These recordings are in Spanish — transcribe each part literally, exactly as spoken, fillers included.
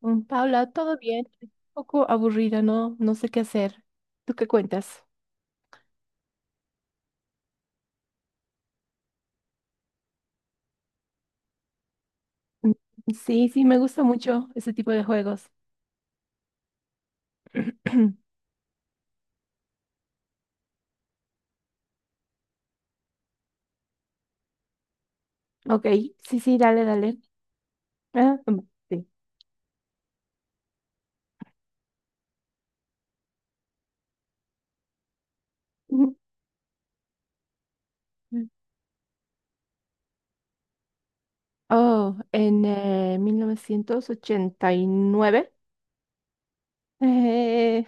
Mm, Paula, todo bien, un poco aburrida, no, no sé qué hacer. ¿Tú qué cuentas? Mm, sí, sí, me gusta mucho ese tipo de juegos. Ok, sí, sí, dale, dale. Ah, mm, sí. Ujú. Oh, en eh, mil novecientos ochenta y nueve, eh,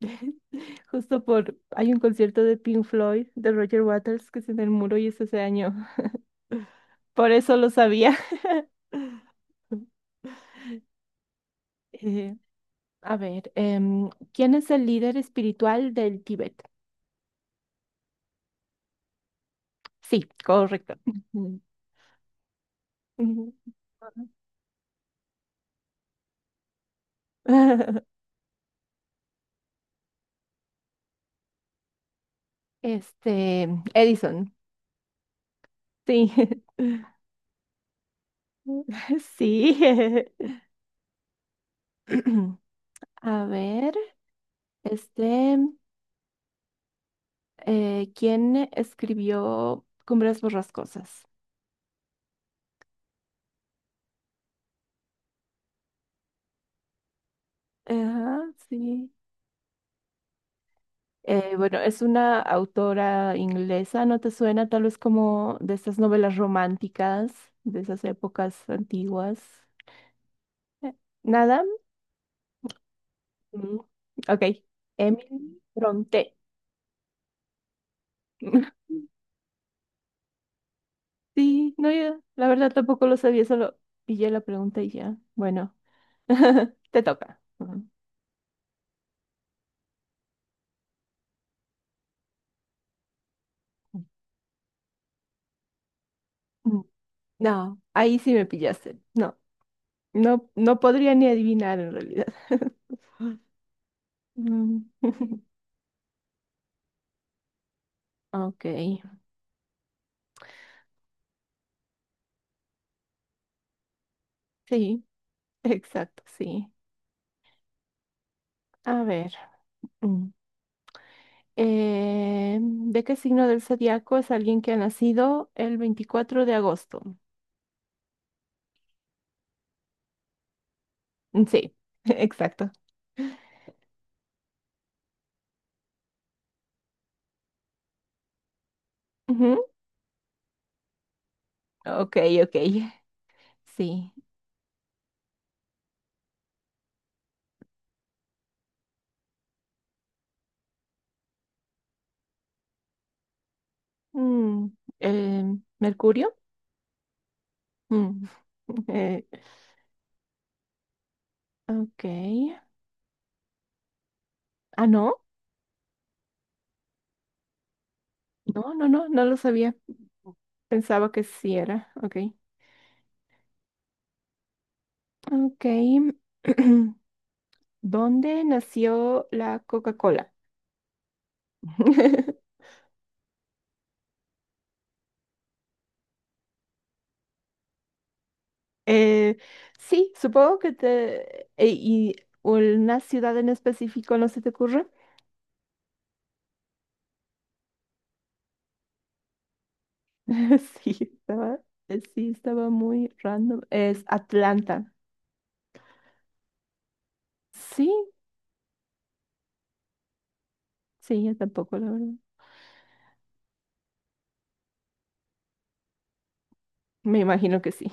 justo por, hay un concierto de Pink Floyd, de Roger Waters, que es en el muro y es ese año. Por eso lo sabía. Eh, A ver, em, ¿quién es el líder espiritual del Tíbet? Sí, correcto. Ujú. Ujú. Este, Edison, sí. Sí. A ver, este, eh, ¿quién escribió Cumbres Borrascosas? Ajá, sí. Eh, bueno, es una autora inglesa, ¿no te suena tal vez como de esas novelas románticas, de esas épocas antiguas? Eh, Nada. Mm, ok. Emily Bronte. Sí, no, yo la verdad tampoco lo sabía, solo pillé la pregunta y ya. Bueno, te toca. Ujú. Mm. No, ahí sí me pillaste. No, no, no podría ni adivinar en realidad. Mm. Ok, sí, exacto, sí. A ver, mm, eh, ¿de qué signo del zodiaco es alguien que ha nacido el veinticuatro de agosto? Mm, sí, exacto. Ujú. Ok, ok. Sí. Mm, eh, Mercurio. Mm, eh, ok. Ah, no. No, no, no, no lo sabía. Pensaba que sí era. Ok. Ok. ¿Dónde nació la Coca-Cola? Eh, sí. supongo que te... e- ¿Y una ciudad en específico no se te ocurre? Sí, estaba, eh, sí, estaba muy random. Es Atlanta. Sí, sí, yo tampoco, la verdad. Me imagino que sí.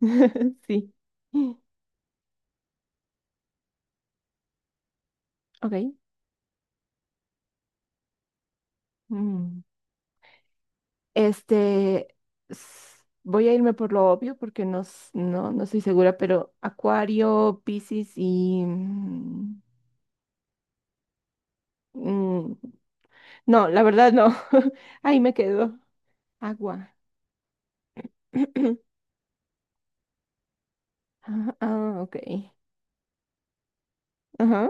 Sí. Ok. Mm. Este, s- voy a irme por lo obvio porque no, s- no, no estoy segura, pero Acuario, Piscis y... mm, mm, no, la verdad no. Ahí me quedo. Agua. Ah, ah, ok. Ajá.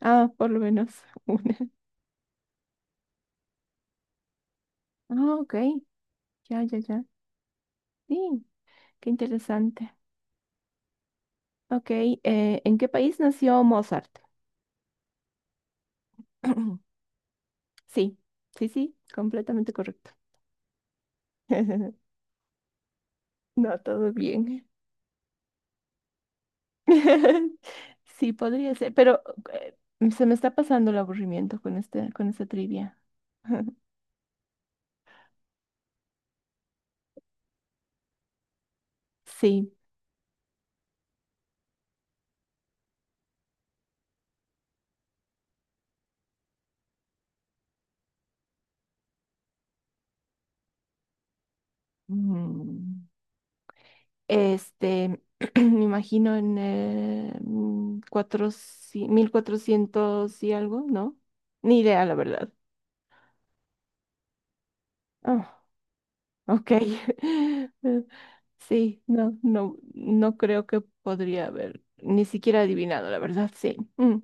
Ah, por lo menos. Ah, ok, ya, ya, ya. Sí, qué interesante. Ok, eh, ¿en qué país nació Mozart? Sí, sí, sí, completamente correcto. No, todo bien. Sí, podría ser, pero eh, se me está pasando el aburrimiento con este, con esta trivia. Sí. Mm. Este, me imagino en eh, mm, cuatrocientos mil cuatrocientos y algo, ¿no? Ni idea, la verdad. Ah. Ok. Sí, no, no, no creo que podría haber ni siquiera adivinado, la verdad, sí. Mm.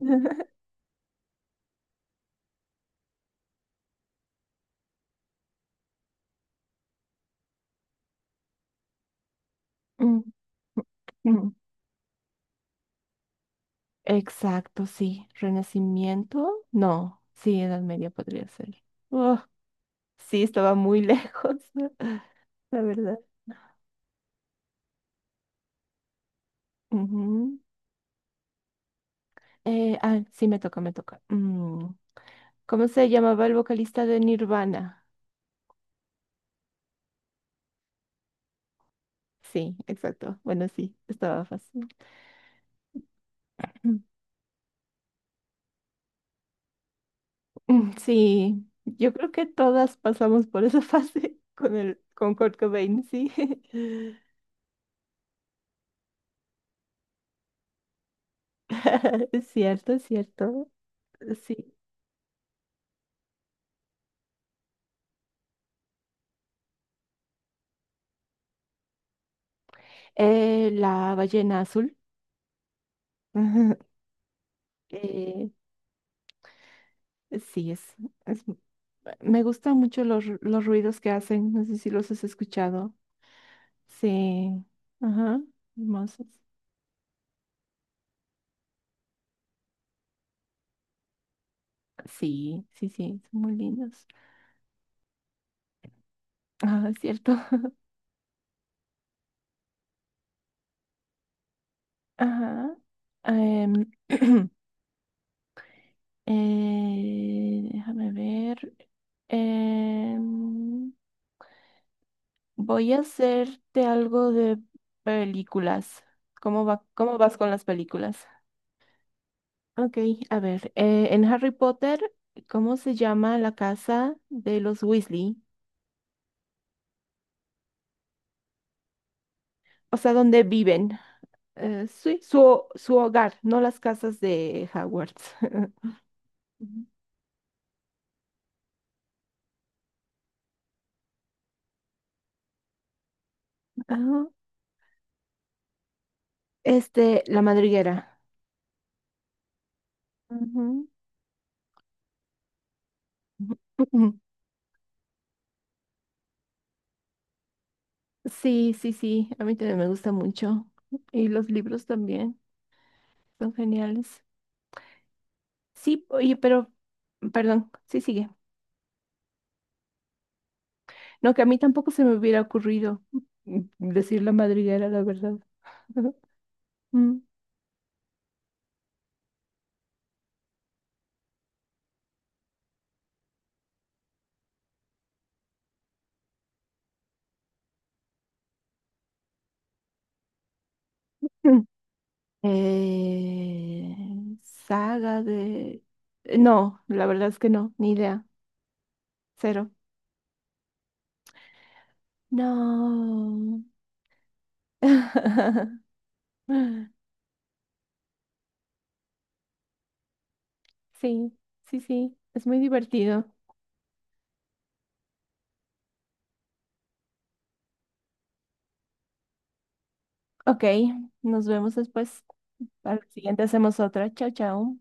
Mm, mm. Exacto, sí. Renacimiento, no. Sí, Edad Media podría ser. Oh, sí, estaba muy lejos, la verdad. Ujú. Eh, ah, sí, me toca, me toca. Mm, ¿Cómo se llamaba el vocalista de Nirvana? Sí, exacto. Bueno, sí, estaba fácil. Mm, sí, yo creo que todas pasamos por esa fase con el con Kurt Cobain, sí. Es cierto, es cierto. Sí. Eh, la ballena azul. Ujú. Eh, sí, es, es- me gustan mucho los, ru- los ruidos que hacen. No sé si los has escuchado. Sí. Ajá. Hermosos. Sí, sí, sí. Son muy lindos. Ah, es cierto. Ajá. Em, Eh, déjame ver. Em, Voy a hacerte algo de películas. ¿Cómo va, cómo vas con las películas? Ok, a ver. Eh, en Harry Potter, ¿cómo se llama la casa de los Weasley? O sea, ¿dónde viven? Eh, sí, su, su hogar, no las casas de Hogwarts. Ujú. Ajá. Este, la madriguera. Ujú. Sí, sí, sí, a mí también me gusta mucho. Y los libros también son geniales. Sí, oye, pero, perdón, sí, sigue. No, que a mí tampoco se me hubiera ocurrido mm, decir la madriguera, la verdad. Mm. Mm. Eh, saga de... eh, no, la verdad es que no, ni idea, cero. No. Sí, sí, sí, es muy divertido. Ok, nos vemos después. Para el siguiente hacemos otra. Chao, chao.